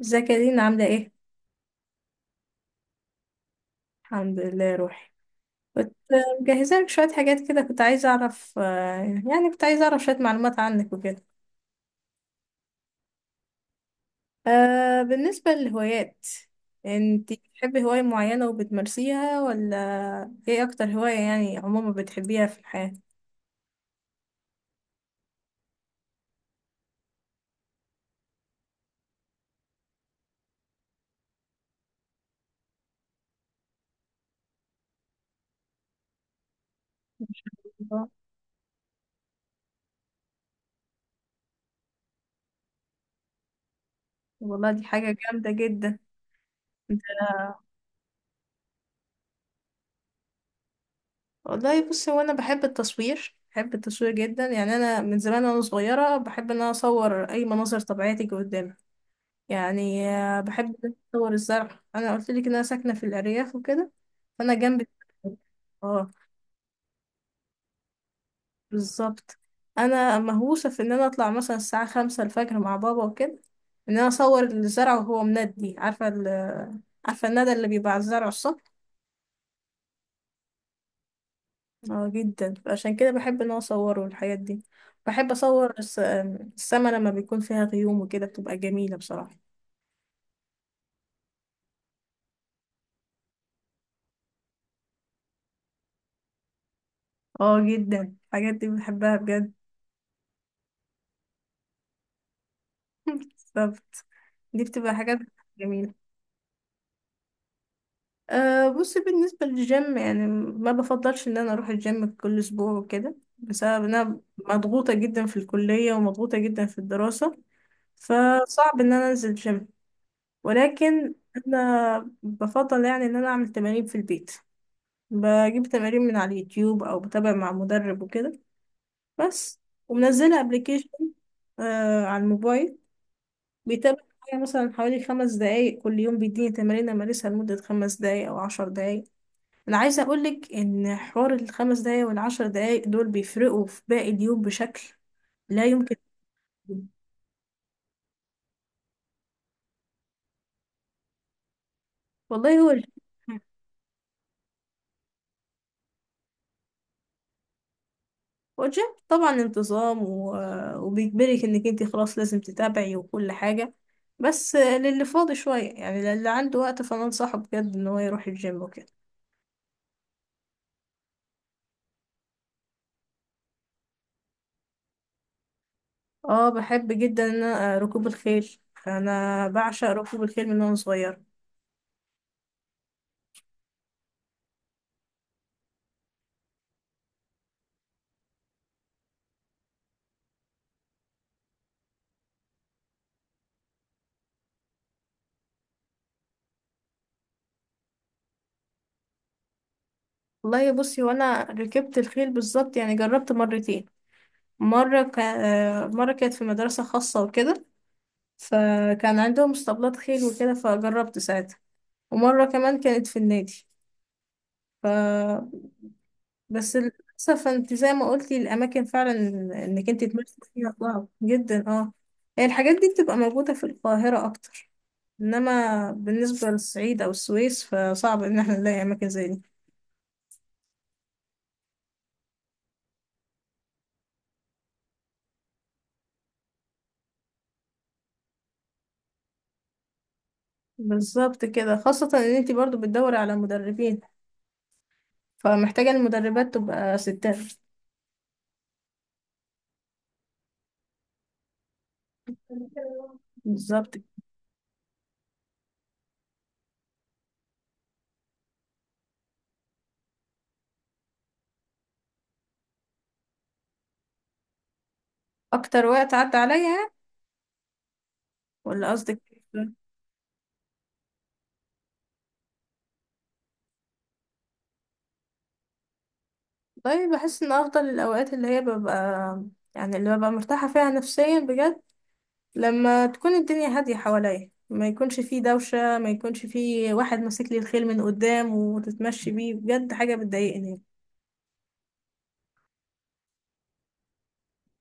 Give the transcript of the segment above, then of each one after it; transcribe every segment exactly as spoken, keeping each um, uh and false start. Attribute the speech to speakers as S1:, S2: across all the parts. S1: ازيك يا دينا؟ عاملة ايه؟ الحمد لله روحي. كنت مجهزة لك شوية حاجات كده. كنت عايزة أعرف، آه، يعني كنت عايزة أعرف شوية معلومات عنك وكده. آه بالنسبة للهوايات، انتي بتحبي هواية معينة وبتمارسيها ولا؟ ايه أكتر هواية يعني عموما بتحبيها في الحياة؟ الله، والله دي حاجة جامدة جدا. انت والله بصي، هو أنا بحب التصوير، بحب التصوير جدا، يعني أنا من زمان وأنا صغيرة بحب إن أنا أصور أي مناظر طبيعية تيجي قدامي. يعني آه، بحب اصور الزرع. انا قلت لك ان انا ساكنه في الارياف وكده، فانا جنب اه بالظبط. انا مهووسه في ان انا اطلع مثلا الساعه خمسة الفجر مع بابا وكده، ان انا اصور الزرع وهو مندي. عارفه ال... عارفه الندى اللي بيبقى على الزرع الصبح؟ اه جدا، عشان كده بحب ان انا اصوره الحاجات دي. بحب اصور الس... السما لما بيكون فيها غيوم وكده، بتبقى جميله بصراحه. اه جدا الحاجات دي بحبها بجد. بالظبط، دي بتبقى حاجات جميله. أه بصي، بالنسبة للجيم يعني ما بفضلش ان انا اروح الجيم كل اسبوع وكده، بسبب ان انا مضغوطة جدا في الكلية ومضغوطة جدا في الدراسة. فصعب ان انا انزل جيم، ولكن انا بفضل يعني ان انا اعمل تمارين في البيت. بجيب تمارين من على اليوتيوب او بتابع مع مدرب وكده، بس. ومنزلة ابلكيشن أه على الموبايل، بيتابع معايا مثلا حوالي خمس دقايق كل يوم. بيديني تمارين امارسها لمدة خمس دقايق او عشر دقايق. انا عايزه اقولك ان حوار الخمس دقايق والعشر دقايق دول بيفرقوا في باقي اليوم بشكل لا يمكن. والله هو الج- هو الجيم طبعا انتظام، و... وبيجبرك انك انت خلاص لازم تتابعي وكل حاجه. بس للي فاضي شويه، يعني للي عنده وقت فانا انصحه بجد ان هو يروح الجيم وكده. اه بحب جدا ان أنا، آه، ركوب الخيل. انا بعشق ركوب الخيل من وانا صغيره. والله بصي، وانا ركبت الخيل بالظبط، يعني جربت مرتين. مرة كان مرة كانت في مدرسة خاصة وكده، فكان عندهم اسطبلات خيل وكده، فجربت ساعتها. ومرة كمان كانت في النادي. ف بس للأسف انت زي ما قلتي، الأماكن فعلا انك انت تمارسي فيها صعب جدا، اه. هي الحاجات دي بتبقى موجودة في القاهرة أكتر، إنما بالنسبة للصعيد أو السويس فصعب إن احنا نلاقي أماكن زي دي. بالظبط كده، خاصة إن انت برضو بتدوري على مدربين، فمحتاجة المدربات تبقى ستات. بالظبط. اكتر وقت عدى عليا، ولا قصدك؟ طيب، بحس ان افضل الاوقات اللي هي ببقى يعني اللي ببقى مرتاحة فيها نفسيا بجد، لما تكون الدنيا هادية حواليا، ما يكونش فيه دوشة، ما يكونش فيه واحد ماسك لي الخيل من قدام وتتمشي بيه. بجد حاجة بتضايقني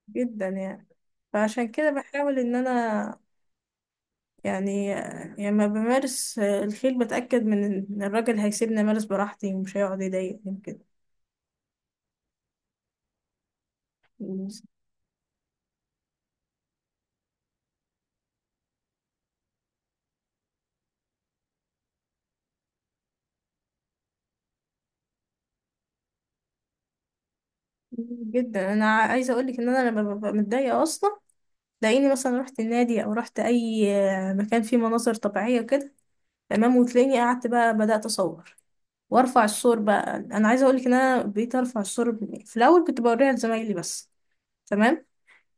S1: جدا يعني، فعشان كده بحاول ان انا يعني لما بمارس الخيل بتأكد من ان الراجل هيسيبني امارس براحتي ومش هيقعد يضايقني كده. جدا انا عايزه اقول لك ان انا لما ببقى متضايقه اصلا، تلاقيني مثلا رحت النادي او رحت اي مكان فيه مناظر طبيعيه كده. تمام، وتلاقيني قعدت بقى بدات اصور، وارفع الصور بقى. انا عايزه اقول لك ان انا بقيت ارفع الصور، في الاول كنت بوريها لزمايلي بس. تمام.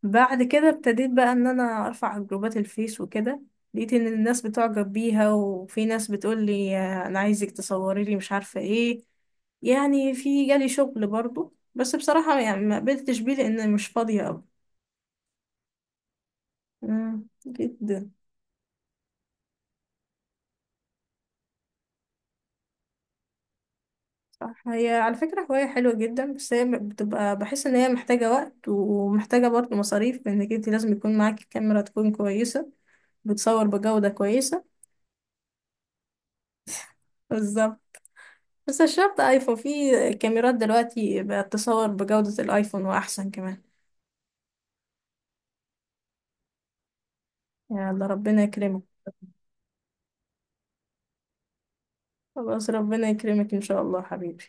S1: بعد كده ابتديت بقى ان انا ارفع على جروبات الفيس وكده، لقيت ان الناس بتعجب بيها، وفي ناس بتقول لي، آه، انا عايزك تصوري لي مش عارفة ايه، يعني في جالي شغل برضو، بس بصراحة يعني ما قبلتش بيه لان مش فاضية اوي. مم، جدا. صح، هي على فكرة هواية حلوة جدا، بس هي بتبقى، بحس ان هي محتاجة وقت ومحتاجة برضو مصاريف، لانك انت لازم يكون معاكي كاميرا تكون كويسة، بتصور بجودة كويسة. بالظبط. بس مش شرط ايفون، في كاميرات دلوقتي بقت تصور بجودة الايفون واحسن كمان. يلا ربنا يكرمك. خلاص، ربنا يكرمك ان شاء الله حبيبي.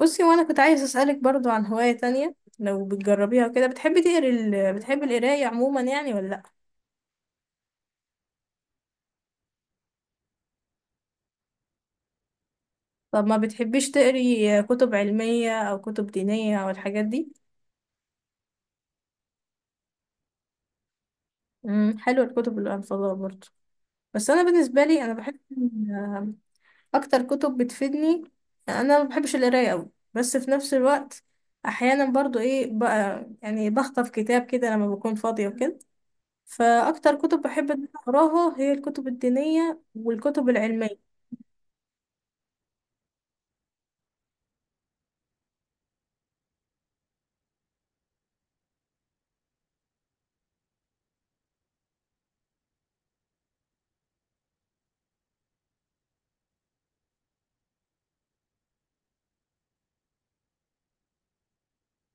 S1: بصي، وانا كنت عايز اسالك برضو عن هواية تانية لو بتجربيها وكده. بتحبي تقري ال... بتحبي القراية عموما يعني، ولا لا؟ طب ما بتحبيش تقري كتب علمية او كتب دينية او الحاجات دي؟ امم حلوة الكتب الانفضاء برضو، بس انا بالنسبة لي انا بحب اكتر كتب بتفيدني. انا ما بحبش القرايه قوي، بس في نفس الوقت احيانا برضو، ايه بقى يعني، بخطف كتاب كده لما بكون فاضيه وكده. فاكتر كتب بحب ان أنا اقراها هي الكتب الدينيه والكتب العلميه.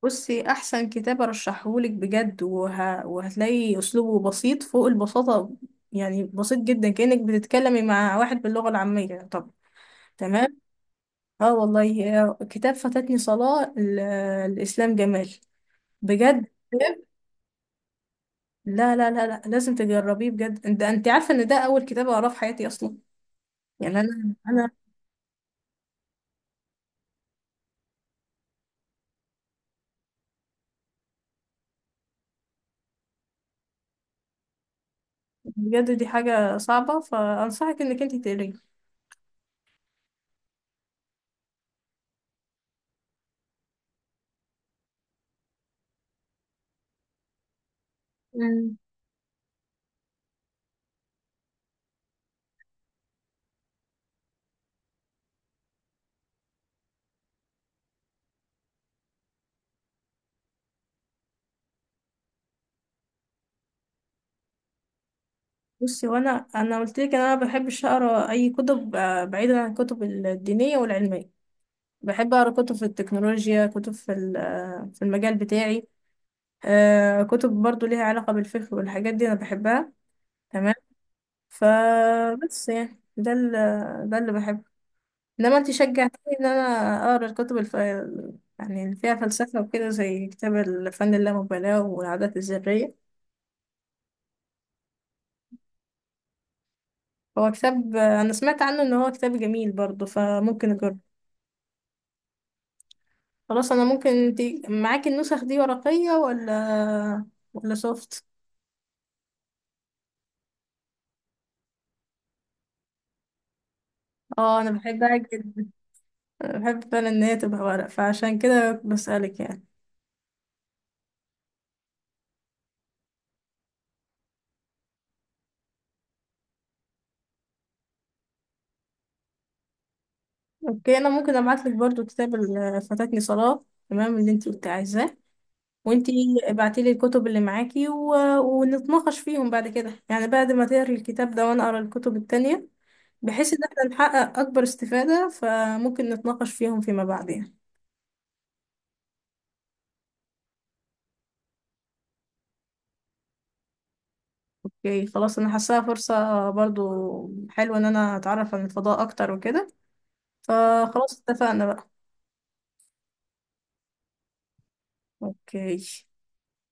S1: بصي، احسن كتاب ارشحهولك بجد، وه... وهتلاقي اسلوبه بسيط فوق البساطه. يعني بسيط جدا، كانك بتتكلمي مع واحد باللغه العاميه. طب تمام. اه والله، آه، كتاب فاتتني صلاه ال- الاسلام جمال، بجد. لا لا لا لا، لازم تجربيه بجد. ده انت عارفه ان ده اول كتاب اقراه في حياتي اصلا، يعني انا انا بجد. دي حاجه صعبه، فانصحك انك انت تقريه. مم. بصي، وانا انا قلت لك، انا ما بحبش اقرا اي كتب، آه، بعيدا عن الكتب الدينيه والعلميه. بحب اقرا كتب في التكنولوجيا، كتب في ال- آه، في المجال بتاعي، آه، كتب برضو ليها علاقه بالفقه والحاجات دي انا بحبها. تمام. فبس يعني ده ال- ده اللي بحبه، انما انت شجعتني ان انا اقرا الكتب الف... يعني اللي فيها فلسفه وكده، زي كتاب الفن اللامبالاه والعادات الذريه. هو كتاب انا سمعت عنه ان هو كتاب جميل برضه، فممكن اجرب. خلاص، انا ممكن. انت معاكي النسخ دي ورقيه ولا، ولا سوفت؟ اه انا بحبها جدا. أنا بحب فعلا ان هي تبقى ورق، فعشان كده بسألك يعني. اوكي، انا ممكن ابعت لك برضو كتاب ال- فاتتني صلاة، تمام، اللي انت كنت عايزاه. وانتي ابعتيلي الكتب اللي معاكي و... ونتناقش فيهم بعد كده، يعني بعد ما تقري الكتاب ده وانا اقرا الكتب التانية، بحيث ان احنا نحقق اكبر استفادة، فممكن نتناقش فيهم فيما بعد يعني. اوكي خلاص، انا حاساها فرصة برضو حلوة ان انا اتعرف عن الفضاء اكتر وكده، فخلاص اتفقنا بقى. اوكي.